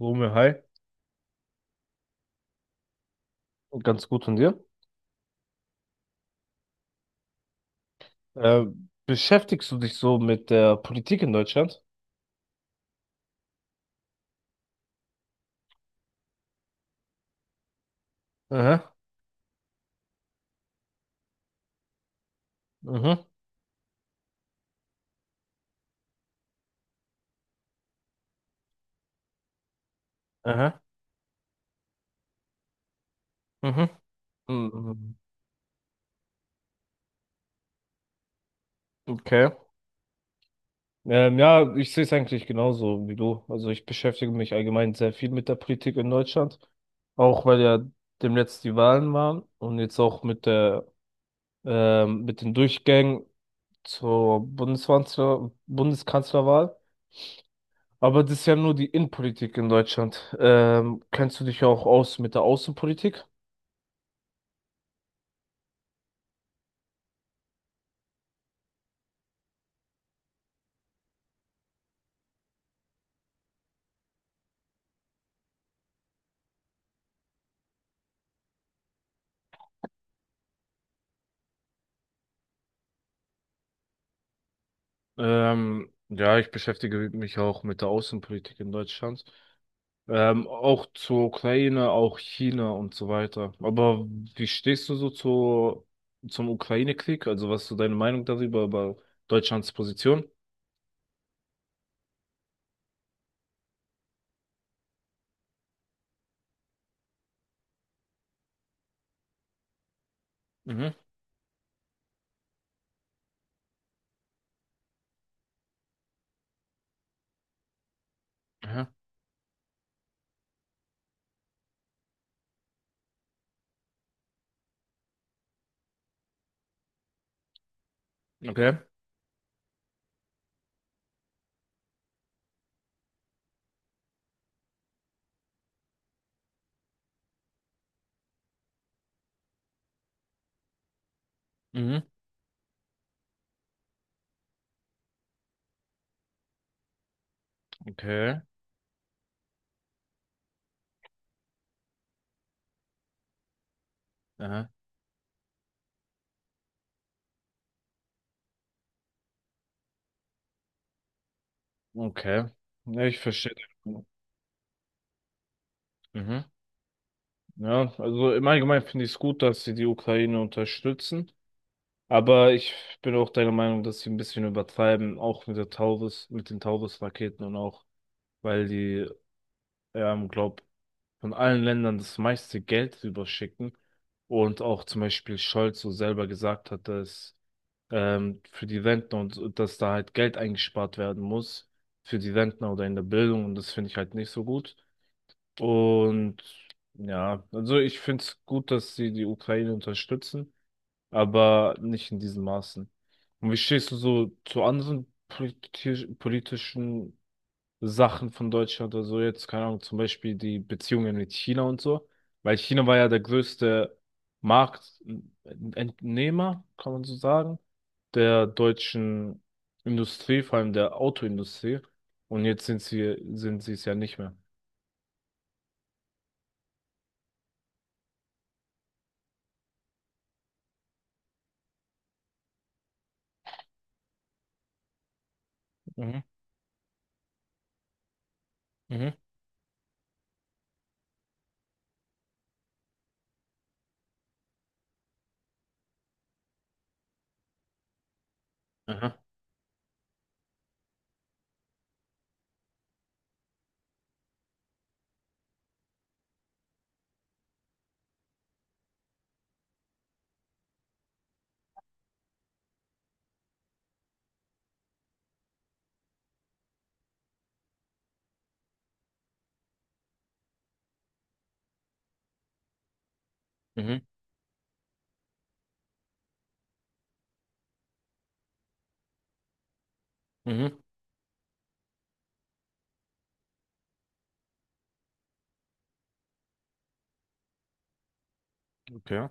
Romeo, hi. Ganz gut von dir. Äh, Beschäftigst du dich so mit der Politik in Deutschland? Aha, aha, aha, aha. Mhm. Okay. Ja, ich sehe es eigentlich genauso wie du. Also ich beschäftige mich allgemein sehr viel mit der Politik in Deutschland, auch weil ja demnächst die Wahlen waren und jetzt auch mit der mit den Durchgängen zur Bundeskanzlerwahl. Aber das ist ja nur die Innenpolitik in Deutschland. Kennst du dich auch aus mit der Außenpolitik? Ja, ich beschäftige mich auch mit der Außenpolitik in Deutschland. Auch zur Ukraine, auch China und so weiter. Aber wie stehst zum Ukraine-Krieg? Also was ist so deine Meinung darüber, über Deutschlands Position? Mhm. Aha. Okay. Mhm. Okay. Aha. Okay. Ja, ich verstehe. Mhm. Ja, also im Allgemeinen finde ich es gut, dass sie die Ukraine unterstützen. Aber ich bin auch deiner Meinung, dass sie ein bisschen übertreiben, auch mit der Taurus, mit den Taurus-Raketen und auch, weil glaub, von allen Ländern das meiste Geld rüberschicken. Und auch zum Beispiel Scholz so selber gesagt hat, dass für die Rentner und so, dass da halt Geld eingespart werden muss für die Rentner oder in der Bildung. Und das finde ich halt nicht so gut. Und ja, also ich finde es gut, dass sie die Ukraine unterstützen, aber nicht in diesen Maßen. Und wie stehst du so zu anderen politisch politischen Sachen von Deutschland oder so jetzt? Keine Ahnung, zum Beispiel die Beziehungen mit China und so. Weil China war ja der größte Marktentnehmer, kann man so sagen, der deutschen Industrie, vor allem der Autoindustrie. Und jetzt sind sie es ja nicht mehr. Mhm. Mhm. Aha. Mhm. Mhm, okay.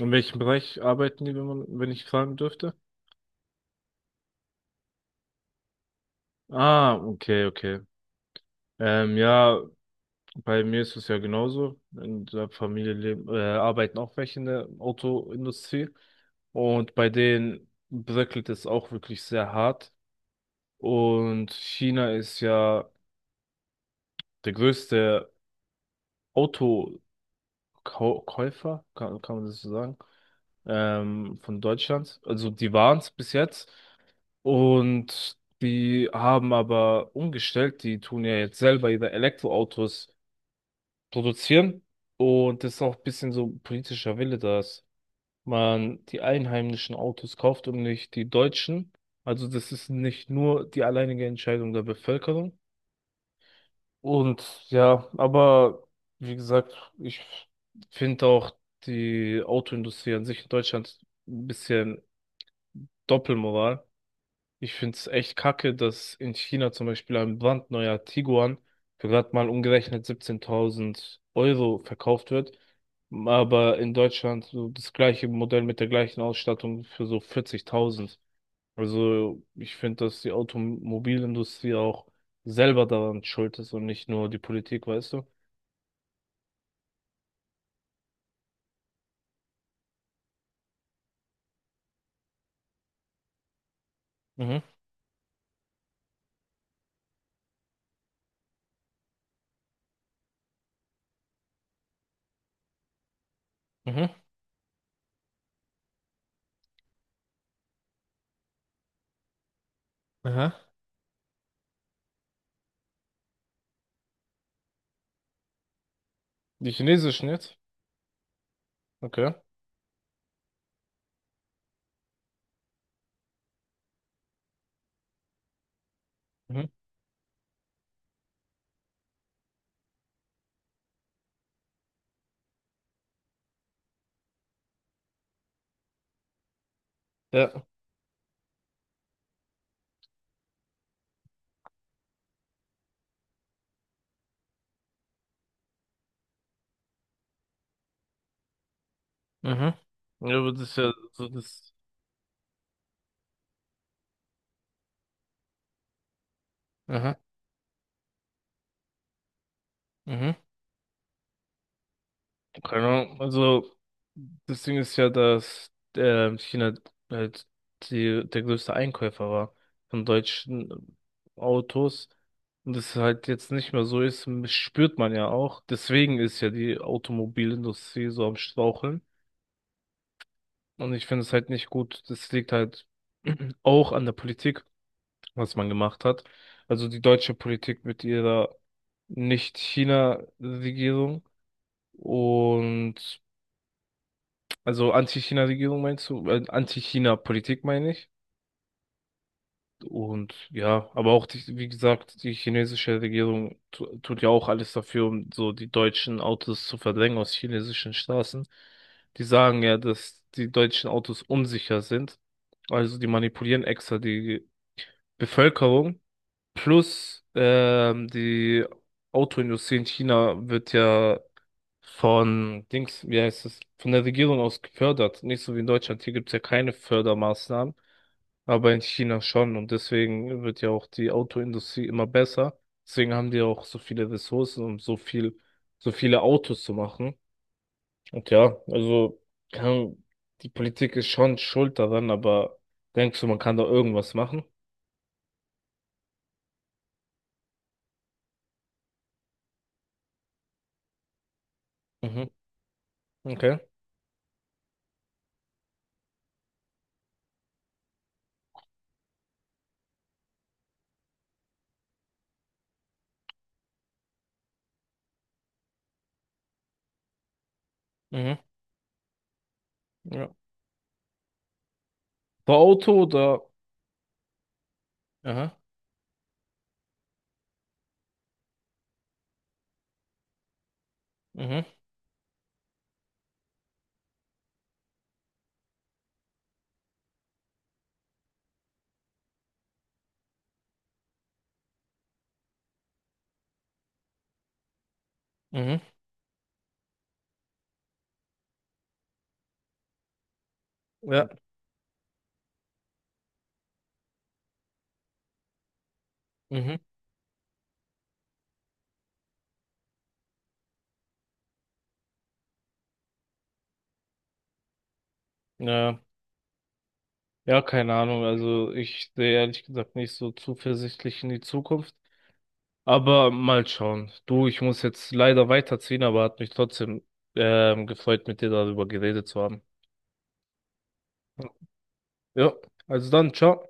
In welchem Bereich arbeiten die, wenn ich fragen dürfte? Ah, okay, okay. Ja, bei mir ist es ja genauso. In der Familie arbeiten auch welche in der Autoindustrie. Und bei denen bröckelt es auch wirklich sehr hart. Und China ist ja der größte Autokäufer, kann man das so sagen, von Deutschland. Also die waren es bis jetzt. Und die haben aber umgestellt, die tun ja jetzt selber ihre Elektroautos produzieren. Und das ist auch ein bisschen so politischer Wille, dass man die einheimischen Autos kauft und nicht die deutschen. Also das ist nicht nur die alleinige Entscheidung der Bevölkerung. Und ja, aber wie gesagt, ich finde auch die Autoindustrie an sich in Deutschland ein bisschen Doppelmoral. Ich finde es echt kacke, dass in China zum Beispiel ein brandneuer Tiguan für gerade mal umgerechnet 17.000 Euro verkauft wird, aber in Deutschland so das gleiche Modell mit der gleichen Ausstattung für so 40.000. Also ich finde, dass die Automobilindustrie auch selber daran schuld ist und nicht nur die Politik, weißt du? Mhm, mhm, aha. Die chinesischen jetzt? Okay. Mhm. Ja. Mhm. Ja, aber das ist ja so das. Aha. Mhm. Keine Ahnung, also das Ding ist ja, dass China halt der größte Einkäufer war von deutschen Autos. Und das halt jetzt nicht mehr so ist, spürt man ja auch. Deswegen ist ja die Automobilindustrie so am Straucheln. Und ich finde es halt nicht gut. Das liegt halt auch an der Politik, was man gemacht hat. Also die deutsche Politik mit ihrer Nicht-China-Regierung. Und also Anti-China-Regierung meinst du? Anti-China-Politik meine ich. Und ja, aber auch, die, wie gesagt, die chinesische Regierung tut ja auch alles dafür, um so die deutschen Autos zu verdrängen aus chinesischen Straßen. Die sagen ja, dass die deutschen Autos unsicher sind. Also die manipulieren extra die Bevölkerung, plus die Autoindustrie in China wird ja von Dings, wie heißt es, von der Regierung aus gefördert. Nicht so wie in Deutschland. Hier gibt es ja keine Fördermaßnahmen, aber in China schon. Und deswegen wird ja auch die Autoindustrie immer besser. Deswegen haben die auch so viele Ressourcen, um so viele Autos zu machen. Und ja, kann, die Politik ist schon schuld daran, aber denkst du, man kann da irgendwas machen? Mhm. Okay. Mhm. Ja. Bei Auto oder aha, mhm, mhm, ja. Mhm. Ja, ja, keine Ahnung. Also ich sehe ehrlich gesagt nicht so zuversichtlich in die Zukunft. Aber mal schauen. Du, ich muss jetzt leider weiterziehen, aber hat mich trotzdem gefreut, mit dir darüber geredet zu haben. Ja, also dann, ciao.